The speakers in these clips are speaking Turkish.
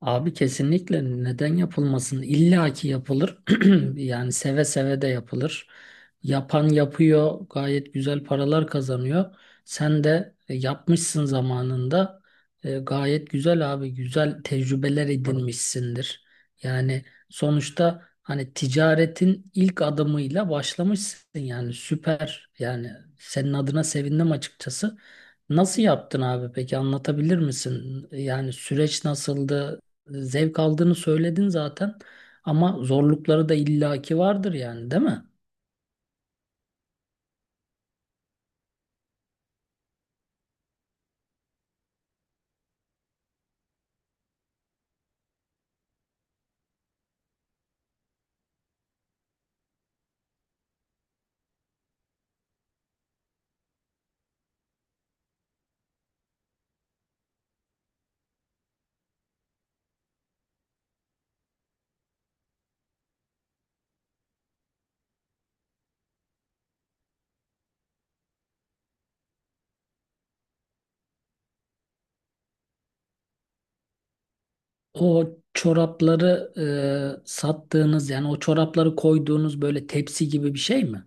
Abi kesinlikle neden yapılmasın? İlla ki yapılır. Yani seve seve de yapılır. Yapan yapıyor, gayet güzel paralar kazanıyor. Sen de yapmışsın zamanında. Gayet güzel abi, güzel tecrübeler edinmişsindir. Yani sonuçta hani ticaretin ilk adımıyla başlamışsın yani süper. Yani senin adına sevindim açıkçası. Nasıl yaptın abi peki anlatabilir misin? Yani süreç nasıldı? Zevk aldığını söyledin zaten, ama zorlukları da illaki vardır yani, değil mi? O çorapları sattığınız, yani o çorapları koyduğunuz böyle tepsi gibi bir şey mi?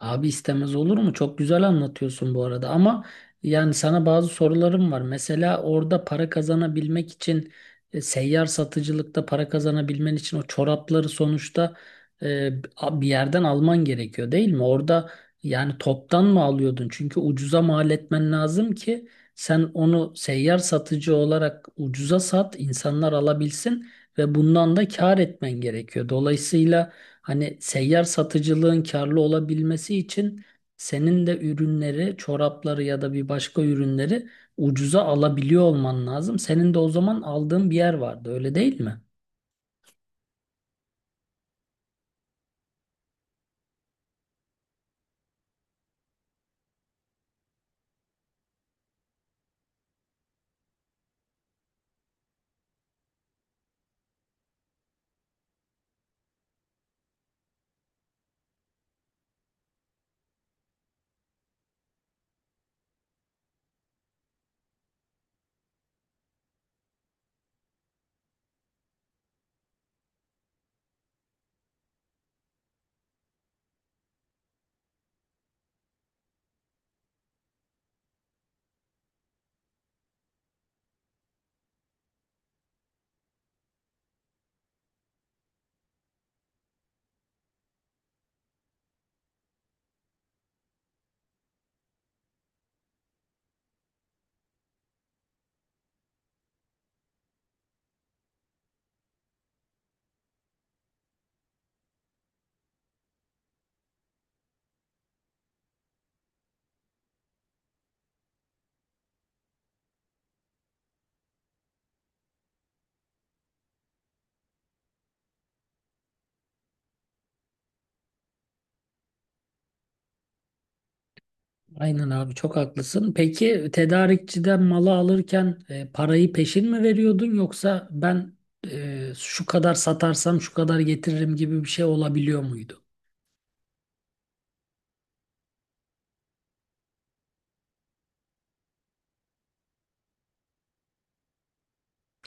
Abi istemez olur mu? Çok güzel anlatıyorsun bu arada, ama yani sana bazı sorularım var. Mesela orada para kazanabilmek için, seyyar satıcılıkta para kazanabilmen için o çorapları sonuçta e, bir yerden alman gerekiyor, değil mi? Orada yani toptan mı alıyordun? Çünkü ucuza mal etmen lazım ki sen onu seyyar satıcı olarak ucuza sat, insanlar alabilsin ve bundan da kâr etmen gerekiyor. Dolayısıyla hani seyyar satıcılığın karlı olabilmesi için senin de ürünleri, çorapları ya da bir başka ürünleri ucuza alabiliyor olman lazım. Senin de o zaman aldığın bir yer vardı, öyle değil mi? Aynen abi, çok haklısın. Peki tedarikçiden malı alırken parayı peşin mi veriyordun, yoksa ben şu kadar satarsam şu kadar getiririm gibi bir şey olabiliyor muydu?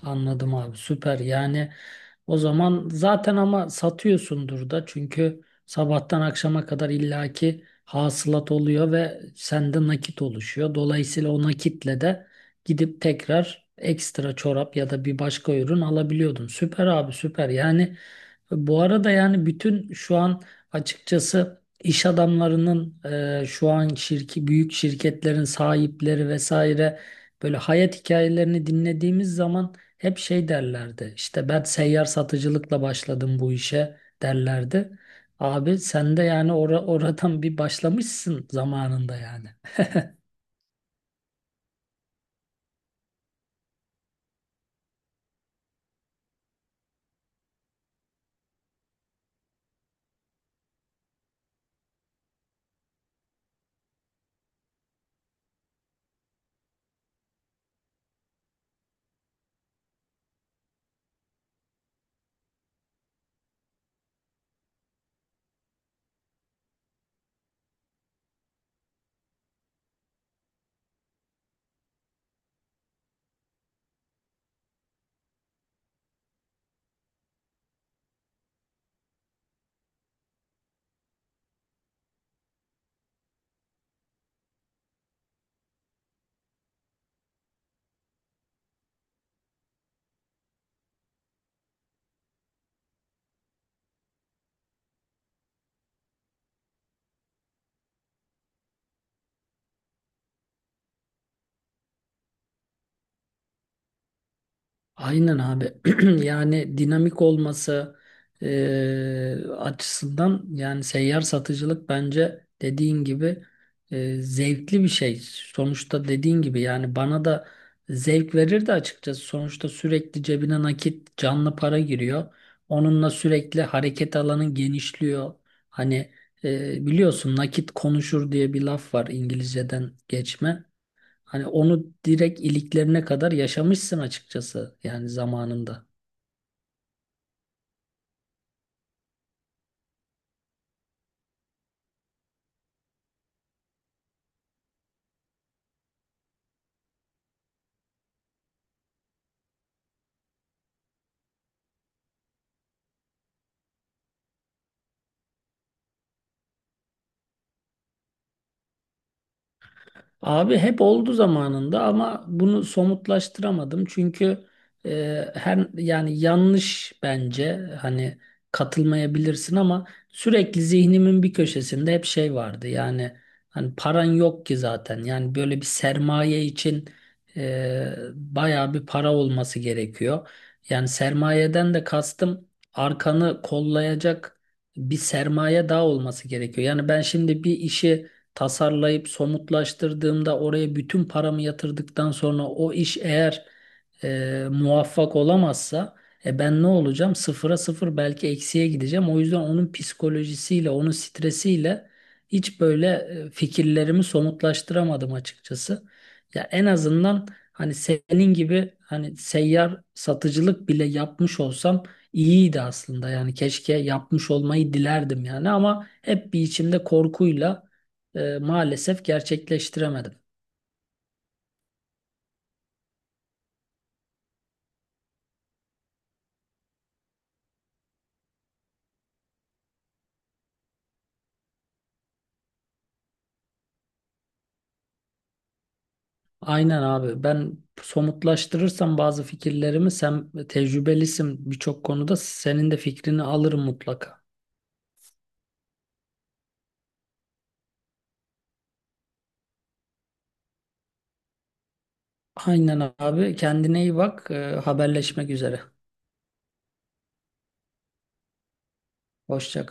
Anladım abi, süper. Yani o zaman zaten ama satıyorsundur da, çünkü sabahtan akşama kadar illaki hasılat oluyor ve sende nakit oluşuyor. Dolayısıyla o nakitle de gidip tekrar ekstra çorap ya da bir başka ürün alabiliyordun. Süper abi, süper. Yani bu arada yani bütün şu an açıkçası iş adamlarının, şu an şirki, büyük şirketlerin sahipleri vesaire, böyle hayat hikayelerini dinlediğimiz zaman hep şey derlerdi: İşte ben seyyar satıcılıkla başladım bu işe derlerdi. Abi sen de yani oradan bir başlamışsın zamanında yani. Aynen abi. Yani dinamik olması açısından yani seyyar satıcılık bence dediğin gibi zevkli bir şey. Sonuçta dediğin gibi yani bana da zevk verirdi açıkçası. Sonuçta sürekli cebine nakit, canlı para giriyor. Onunla sürekli hareket alanın genişliyor. Hani biliyorsun nakit konuşur diye bir laf var, İngilizceden geçme. Hani onu direkt iliklerine kadar yaşamışsın açıkçası yani zamanında. Abi hep oldu zamanında, ama bunu somutlaştıramadım çünkü her yani yanlış bence, hani katılmayabilirsin, ama sürekli zihnimin bir köşesinde hep şey vardı yani, hani paran yok ki zaten. Yani böyle bir sermaye için bayağı bir para olması gerekiyor. Yani sermayeden de kastım arkanı kollayacak bir sermaye daha olması gerekiyor. Yani ben şimdi bir işi tasarlayıp somutlaştırdığımda oraya bütün paramı yatırdıktan sonra o iş eğer muvaffak olamazsa, e ben ne olacağım? Sıfıra sıfır, belki eksiye gideceğim. O yüzden onun psikolojisiyle, onun stresiyle hiç böyle fikirlerimi somutlaştıramadım açıkçası. Ya en azından hani senin gibi, hani seyyar satıcılık bile yapmış olsam iyiydi aslında. Yani keşke yapmış olmayı dilerdim yani, ama hep bir içimde korkuyla maalesef gerçekleştiremedim. Aynen abi. Ben somutlaştırırsam bazı fikirlerimi, sen tecrübelisin birçok konuda, senin de fikrini alırım mutlaka. Aynen abi. Kendine iyi bak. E, haberleşmek üzere. Hoşça kal.